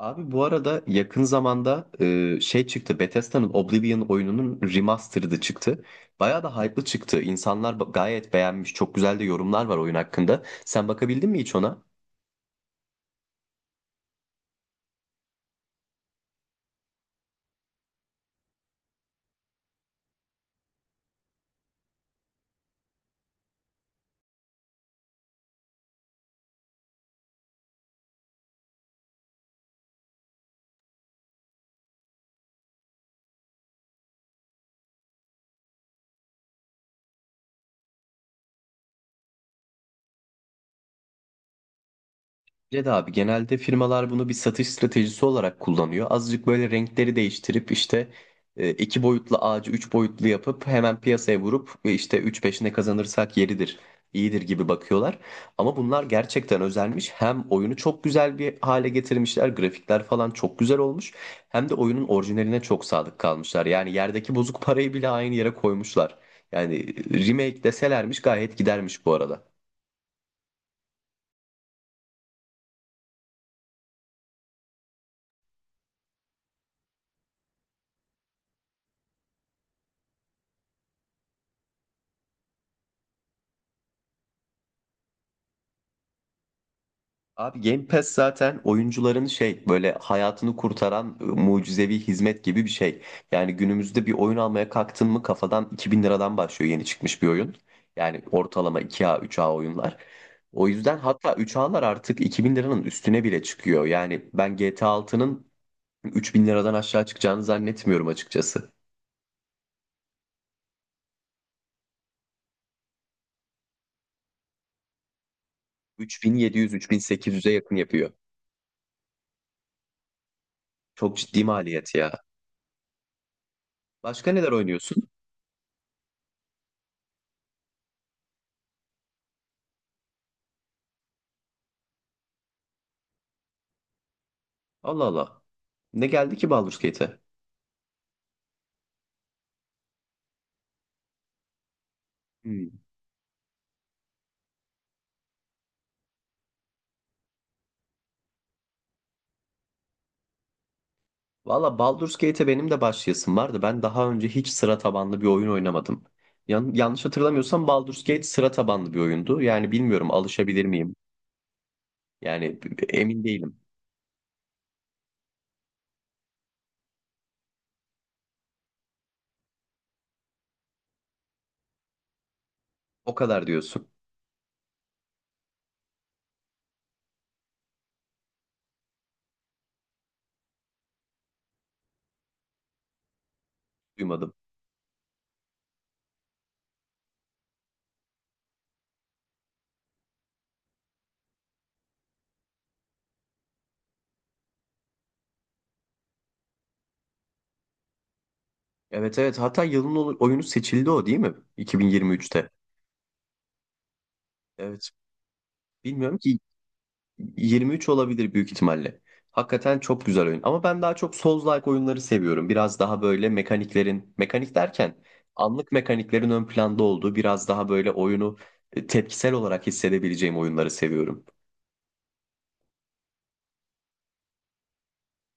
Abi bu arada yakın zamanda şey çıktı. Bethesda'nın Oblivion oyununun remastered'ı çıktı. Bayağı da hype'lı çıktı. İnsanlar gayet beğenmiş. Çok güzel de yorumlar var oyun hakkında. Sen bakabildin mi hiç ona? Ced abi genelde firmalar bunu bir satış stratejisi olarak kullanıyor. Azıcık böyle renkleri değiştirip işte iki boyutlu ağacı üç boyutlu yapıp hemen piyasaya vurup işte 3 ne kazanırsak yeridir, iyidir gibi bakıyorlar. Ama bunlar gerçekten özelmiş. Hem oyunu çok güzel bir hale getirmişler, grafikler falan çok güzel olmuş. Hem de oyunun orijinaline çok sadık kalmışlar. Yani yerdeki bozuk parayı bile aynı yere koymuşlar. Yani remake deselermiş gayet gidermiş bu arada. Abi Game Pass zaten oyuncuların şey böyle hayatını kurtaran mucizevi hizmet gibi bir şey. Yani günümüzde bir oyun almaya kalktın mı kafadan 2000 liradan başlıyor yeni çıkmış bir oyun. Yani ortalama 2A 3A oyunlar. O yüzden hatta 3A'lar artık 2000 liranın üstüne bile çıkıyor. Yani ben GTA 6'nın 3000 liradan aşağı çıkacağını zannetmiyorum açıkçası. 3700-3800'e yakın yapıyor. Çok ciddi maliyet ya. Başka neler oynuyorsun? Allah Allah. Ne geldi ki Baldur's Gate'e? Hmm. Valla Baldur's Gate'e benim de başlayasım vardı. Ben daha önce hiç sıra tabanlı bir oyun oynamadım. Yanlış hatırlamıyorsam Baldur's Gate sıra tabanlı bir oyundu. Yani bilmiyorum alışabilir miyim? Yani emin değilim. O kadar diyorsun. Duymadım. Evet, evet, hatta yılın oyunu seçildi o değil mi? 2023'te. Evet. Bilmiyorum ki 23 olabilir büyük ihtimalle. Hakikaten çok güzel oyun. Ama ben daha çok Souls-like oyunları seviyorum. Biraz daha böyle mekaniklerin, mekanik derken anlık mekaniklerin ön planda olduğu, biraz daha böyle oyunu tepkisel olarak hissedebileceğim oyunları seviyorum.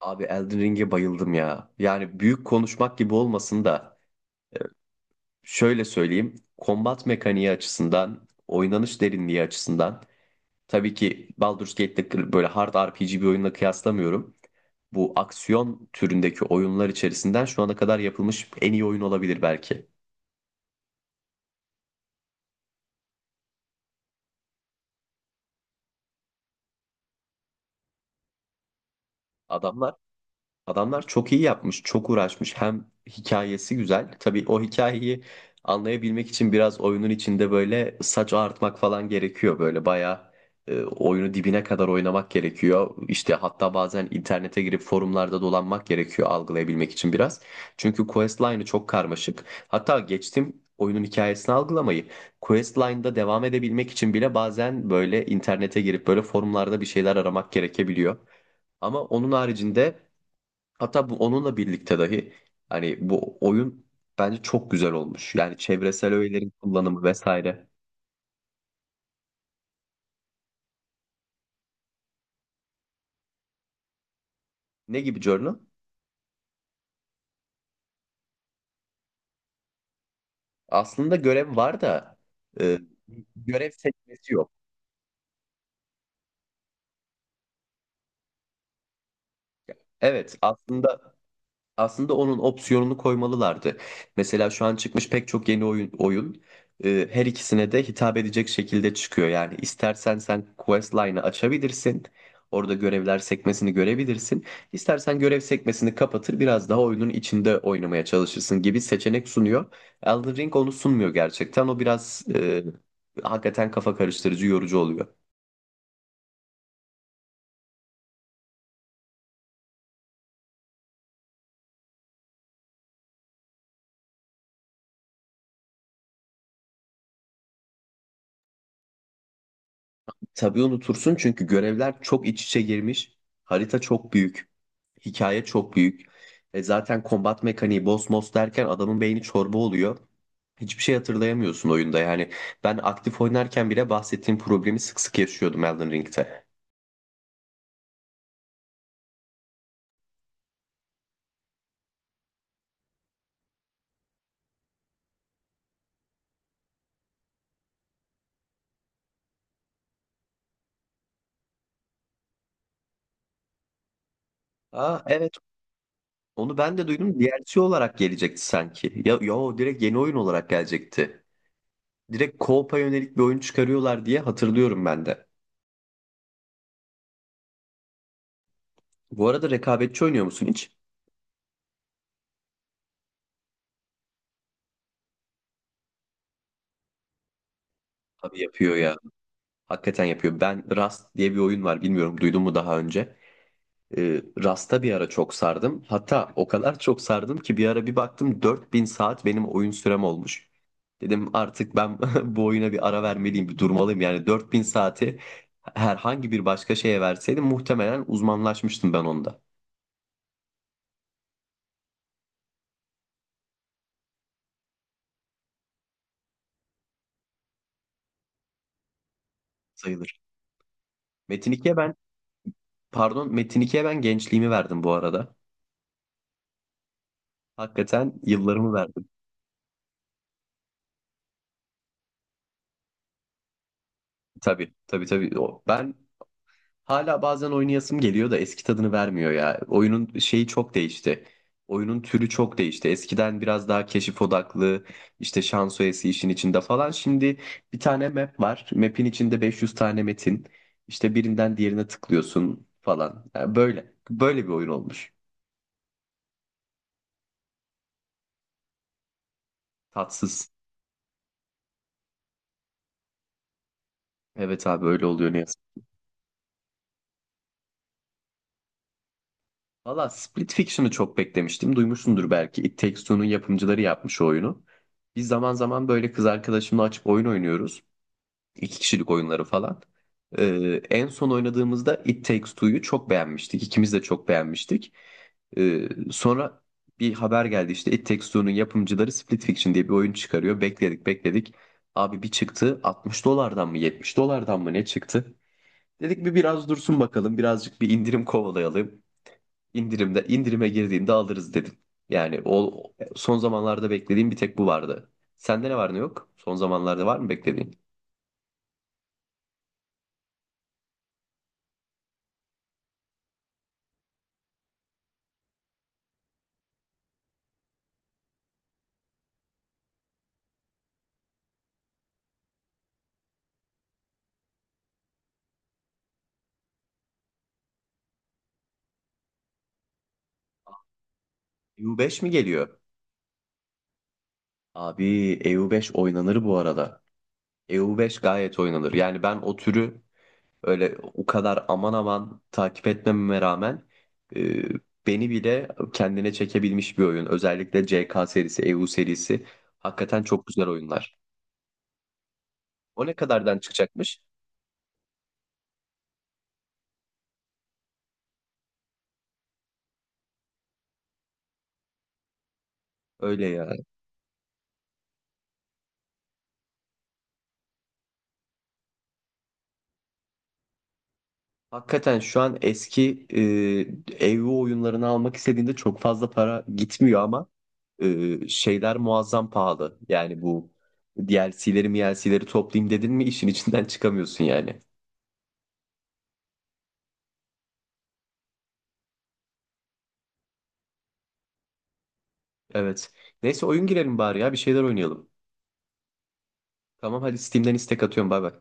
Abi Elden Ring'e bayıldım ya. Yani büyük konuşmak gibi olmasın da şöyle söyleyeyim. Kombat mekaniği açısından, oynanış derinliği açısından tabii ki Baldur's Gate'de böyle hard RPG bir oyunla kıyaslamıyorum. Bu aksiyon türündeki oyunlar içerisinden şu ana kadar yapılmış en iyi oyun olabilir belki. Adamlar Adamlar çok iyi yapmış, çok uğraşmış. Hem hikayesi güzel. Tabii o hikayeyi anlayabilmek için biraz oyunun içinde böyle saç ağartmak falan gerekiyor. Böyle bayağı oyunu dibine kadar oynamak gerekiyor. İşte hatta bazen internete girip forumlarda dolanmak gerekiyor algılayabilmek için biraz. Çünkü questline'ı çok karmaşık. Hatta geçtim oyunun hikayesini algılamayı. Questline'da devam edebilmek için bile bazen böyle internete girip böyle forumlarda bir şeyler aramak gerekebiliyor. Ama onun haricinde, hatta bu onunla birlikte dahi, hani bu oyun bence çok güzel olmuş. Yani çevresel öğelerin kullanımı vesaire. Ne gibi Journal? Aslında görev var da e, görev seçmesi yok. Evet, aslında onun opsiyonunu koymalılardı. Mesela şu an çıkmış pek çok yeni oyun her ikisine de hitap edecek şekilde çıkıyor. Yani istersen sen quest line'ı açabilirsin. Orada görevler sekmesini görebilirsin. İstersen görev sekmesini kapatır biraz daha oyunun içinde oynamaya çalışırsın gibi seçenek sunuyor. Elden Ring onu sunmuyor gerçekten. O biraz hakikaten kafa karıştırıcı, yorucu oluyor. Tabii unutursun çünkü görevler çok iç içe girmiş. Harita çok büyük. Hikaye çok büyük. E zaten kombat mekaniği boss boss derken adamın beyni çorba oluyor. Hiçbir şey hatırlayamıyorsun oyunda yani. Ben aktif oynarken bile bahsettiğim problemi sık sık yaşıyordum Elden Ring'te. Aa evet, onu ben de duydum. DLC olarak gelecekti sanki. Ya yo, direkt yeni oyun olarak gelecekti. Direkt co-op'a yönelik bir oyun çıkarıyorlar diye hatırlıyorum ben de. Bu arada rekabetçi oynuyor musun hiç? Abi yapıyor ya. Hakikaten yapıyor. Ben Rust diye bir oyun var. Bilmiyorum duydun mu daha önce? Rust'a bir ara çok sardım. Hatta o kadar çok sardım ki bir ara bir baktım 4000 saat benim oyun sürem olmuş. Dedim artık ben bu oyuna bir ara vermeliyim, bir durmalıyım. Yani 4000 saati herhangi bir başka şeye verseydim muhtemelen uzmanlaşmıştım ben onda. Sayılır. Metin 2'ye ben, pardon Metin 2'ye ben gençliğimi verdim bu arada. Hakikaten yıllarımı verdim. Tabii, tabii, tabii. O, ben Hala bazen oynayasım geliyor da eski tadını vermiyor ya. Oyunun şeyi çok değişti. Oyunun türü çok değişti. Eskiden biraz daha keşif odaklı, işte şans oyası işin içinde falan. Şimdi bir tane map var. Map'in içinde 500 tane metin. İşte birinden diğerine tıklıyorsun falan. Yani böyle. Böyle bir oyun olmuş. Tatsız. Evet abi öyle oluyor ne yazık. Valla Split Fiction'ı çok beklemiştim. Duymuşsundur belki. It Takes Two'nun yapımcıları yapmış o oyunu. Biz zaman zaman böyle kız arkadaşımla açıp oyun oynuyoruz. İki kişilik oyunları falan. En son oynadığımızda It Takes Two'yu çok beğenmiştik. İkimiz de çok beğenmiştik. Sonra bir haber geldi, işte It Takes Two'nun yapımcıları Split Fiction diye bir oyun çıkarıyor. Bekledik bekledik. Abi bir çıktı, 60 dolardan mı 70 dolardan mı ne çıktı? Dedik bir biraz dursun bakalım, birazcık bir indirim kovalayalım. İndirimde, indirime girdiğinde alırız dedim. Yani o, son zamanlarda beklediğim bir tek bu vardı. Sende ne var ne yok? Son zamanlarda var mı beklediğin? U5 mi geliyor? Abi EU5 oynanır bu arada. EU5 gayet oynanır. Yani ben o türü öyle o kadar aman aman takip etmememe rağmen e, beni bile kendine çekebilmiş bir oyun. Özellikle CK serisi, EU serisi hakikaten çok güzel oyunlar. O ne kadardan çıkacakmış? Öyle ya. Hakikaten şu an eski ev oyunlarını almak istediğinde çok fazla para gitmiyor ama şeyler muazzam pahalı. Yani bu DLC'leri MLC'leri toplayayım dedin mi işin içinden çıkamıyorsun yani. Evet. Neyse oyun girelim bari ya, bir şeyler oynayalım. Tamam hadi Steam'den istek atıyorum, bay bay.